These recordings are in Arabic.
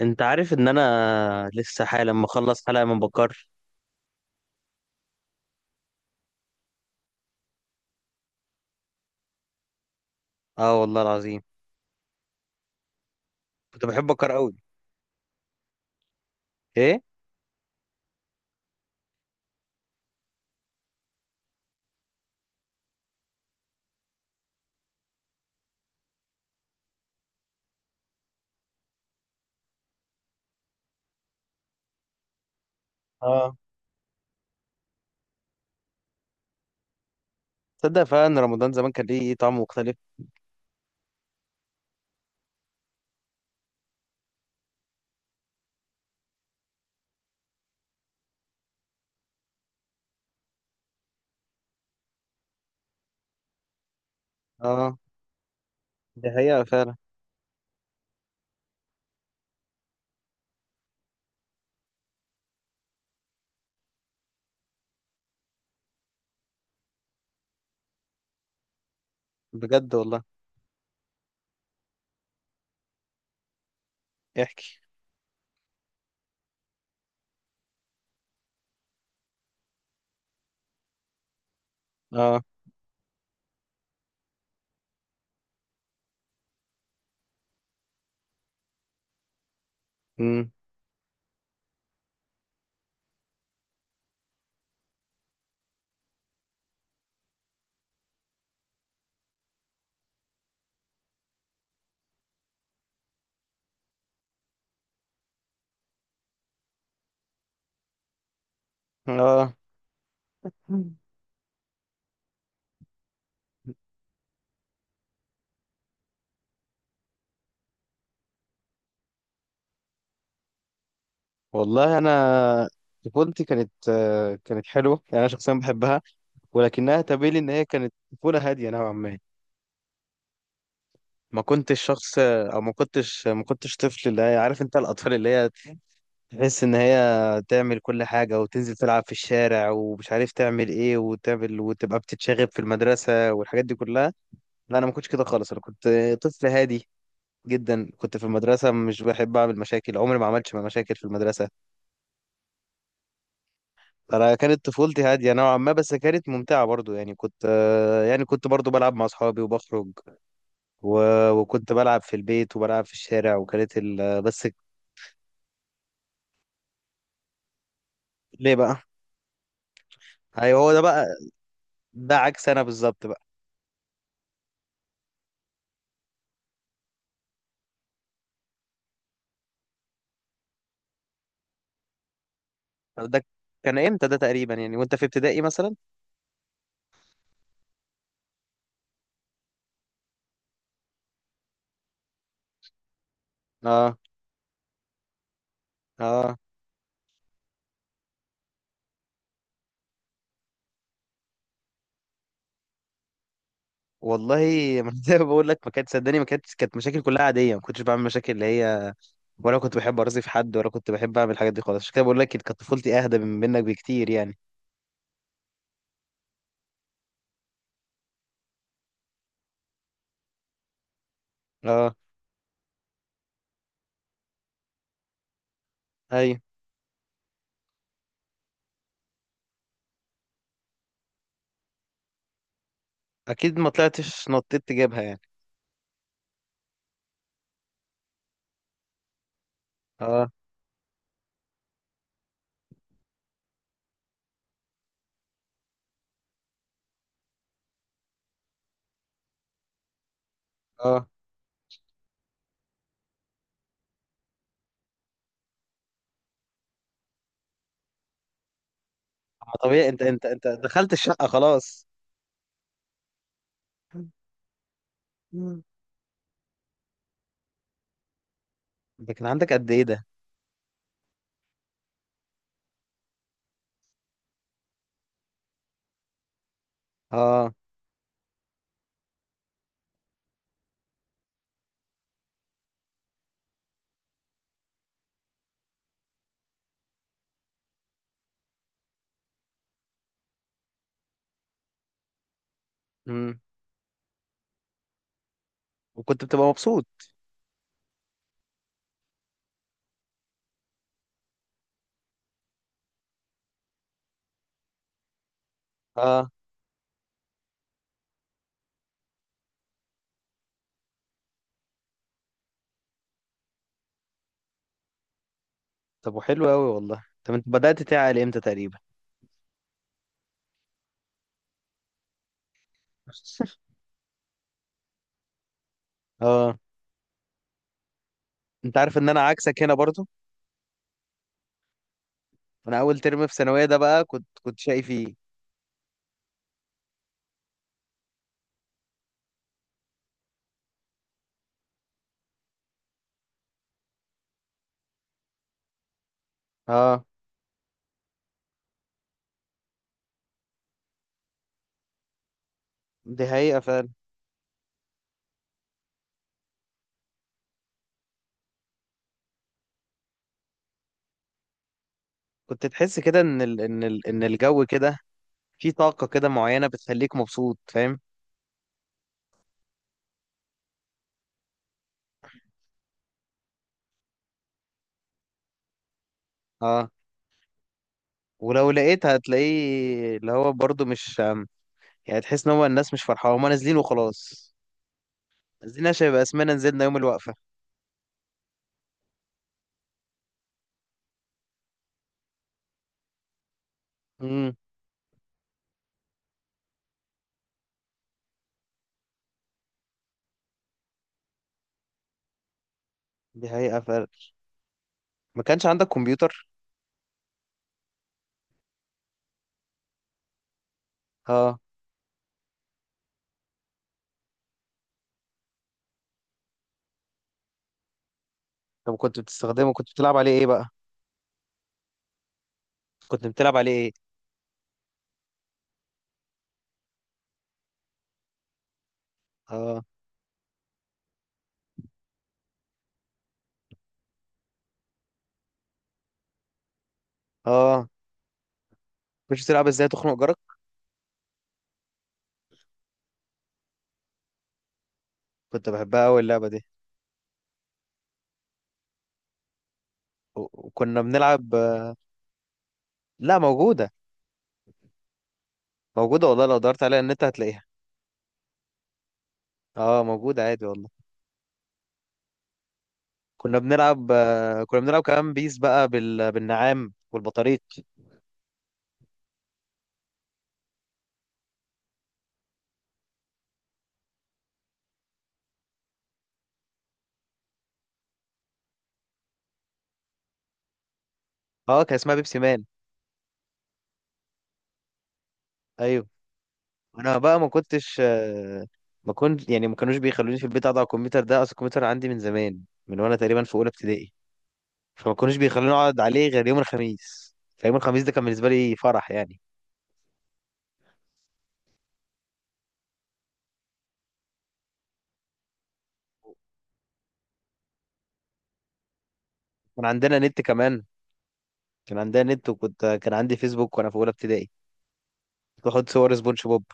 انت عارف ان انا لسه حالا لما اخلص حلقه من بكار. اه والله العظيم. كنت بحب بكار قوي. ايه. اه. تصدق فعلا ان رمضان زمان كان ليه طعم مختلف؟ اه. دي حقيقه فعلا. بجد والله. احكي. اه. امم. اه. مم. والله انا طفولتي كانت كانت حلوه، يعني انا شخصيا بحبها، ولكنها تبين لي ان هي كانت طفوله هاديه نوعا ما. ما كنتش شخص، او ما كنتش طفل اللي هي، عارف انت الاطفال اللي هي تحس ان هي تعمل كل حاجة وتنزل تلعب في الشارع ومش عارف تعمل ايه، وتعمل وتبقى بتتشاغب في المدرسة والحاجات دي كلها. لا، انا ما كنتش كده خالص، انا كنت طفل هادي جدا. كنت في المدرسة مش بحب اعمل مشاكل، عمري ما عملتش مشاكل في المدرسة. انا كانت طفولتي هادية نوعا ما، بس كانت ممتعة برضو، يعني كنت، يعني كنت برضو بلعب مع اصحابي وبخرج، و... وكنت بلعب في البيت وبلعب في الشارع، وكانت بس. ليه بقى؟ ايوه، هو ده بقى. ده عكس انا بالظبط بقى. ده كان امتى ده تقريبا يعني؟ وانت في ابتدائي مثلا؟ اه. اه والله ما زي ما بقول لك، ما كانت، صدقني، ما كانتش، كانت مشاكل كلها عاديه، ما كنتش بعمل مشاكل اللي هي، ولا كنت بحب ارازي في حد، ولا كنت بحب اعمل الحاجات دي خالص. عشان كده بقول لك، كانت طفولتي اهدى من منك بكتير يعني. اه. ايوه، اكيد ما طلعتش نطيت تجيبها يعني. اه اه، ما طبيعي، انت دخلت الشقه خلاص. مم. ده كان عندك قد ايه ده؟ اه. امم. وكنت بتبقى مبسوط؟ اه. طب، وحلو قوي والله. طب انت بدأت تعقل امتى تقريبا؟ اه، انت عارف ان انا عكسك هنا برضو. انا اول ترم في ثانويه ده بقى، كنت شقي فيه. اه، دي حقيقه فعلا. كنت تحس كده ان الجو كده في طاقه كده معينه بتخليك مبسوط، فاهم؟ اه. ولو لقيت، هتلاقيه اللي هو برضو مش، يعني تحس ان هو الناس مش فرحانه، هما نازلين وخلاص، نازلين عشان يبقى اسمنا نزلنا يوم الوقفه. امم، دي حقيقه فعلا. ما كانش عندك كمبيوتر؟ اه. طب كنت بتستخدمه؟ كنت بتلعب عليه ايه بقى؟ كنت بتلعب عليه ايه؟ اه. اه. مش بتلعب ازاي تخنق جارك؟ كنت بحبها قوي اللعبه دي. وكنا بنلعب. لا موجوده، موجوده والله، لو دورت عليها النت هتلاقيها. اه، موجوده عادي والله. كنا بنلعب، كنا بنلعب كمان بيس بقى بالنعام والبطاريق. اه، كان اسمها بيبسي مان. ايوه. انا بقى ما كنتش، ما كنت يعني، ما كانوش بيخلوني في البيت اقعد على الكمبيوتر، ده اصل الكمبيوتر عندي من زمان، من وانا تقريبا في اولى ابتدائي، فما كانوش بيخلوني اقعد عليه غير يوم الخميس، فيوم الخميس ده كان بالنسبه لي فرح يعني. كان عندنا نت كمان، كان عندها نت، وكنت، كان عندي فيسبوك وانا في اولى ابتدائي، كنت بحط صور سبونج بوب.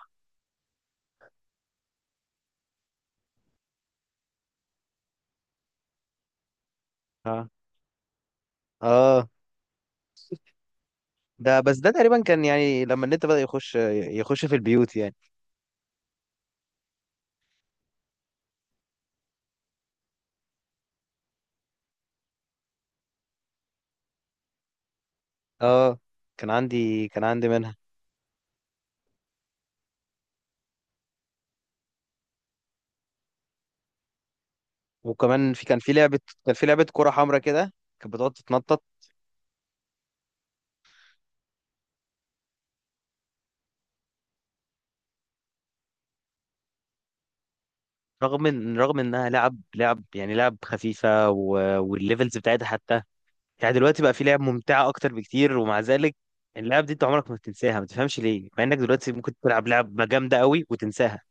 اه. اه، ده بس، ده تقريبا كان يعني لما النت بدأ يخش، يخش في البيوت يعني. اه، كان عندي، كان عندي منها. وكمان في، كان في لعبة، كان في لعبة كرة حمراء كده، كانت بتقعد تتنطط. رغم ان، رغم انها لعب، لعب خفيفة، والليفلز بتاعتها حتى، يعني دلوقتي بقى في لعب ممتعة اكتر بكتير، ومع ذلك اللعب دي انت عمرك ما بتنساها، ما تفهمش ليه؟ مع انك دلوقتي ممكن تلعب لعبة جامدة قوي وتنساها.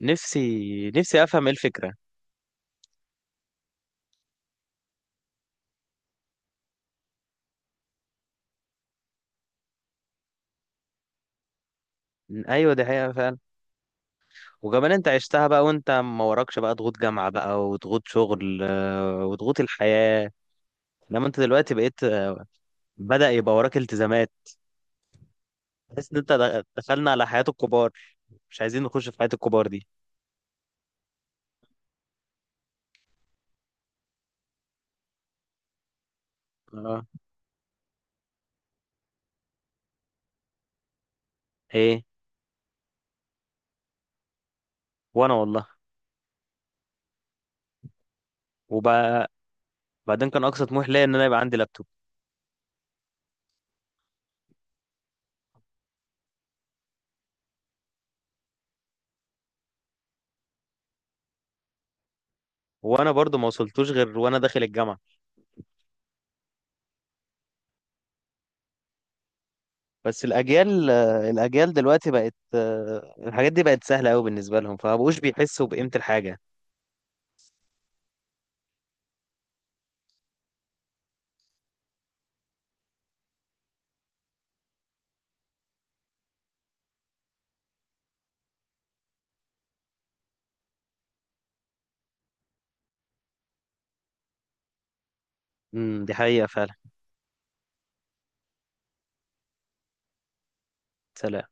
نفسي افهم ايه الفكره. ايوه، دي حقيقه فعلا. وكمان انت عشتها بقى وانت ما وراكش بقى ضغوط جامعه بقى، وضغوط شغل، وضغوط الحياه، لما انت دلوقتي بقيت، بدأ يبقى وراك التزامات. تحس ان انت، دخلنا على حياه الكبار، مش عايزين نخش في حياه الكبار دي. اه. ايه. وانا والله. وبعدين، كان اقصى طموح ليا ان انا يبقى عندي لابتوب. وانا برضو ما وصلتوش غير وانا داخل الجامعه. بس الاجيال، الاجيال دلوقتي بقت، الحاجات دي بقت سهله قوي بالنسبه لهم، فمبقوش بيحسوا بقيمه الحاجه. امم، دي حقيقه فعلا. سلام.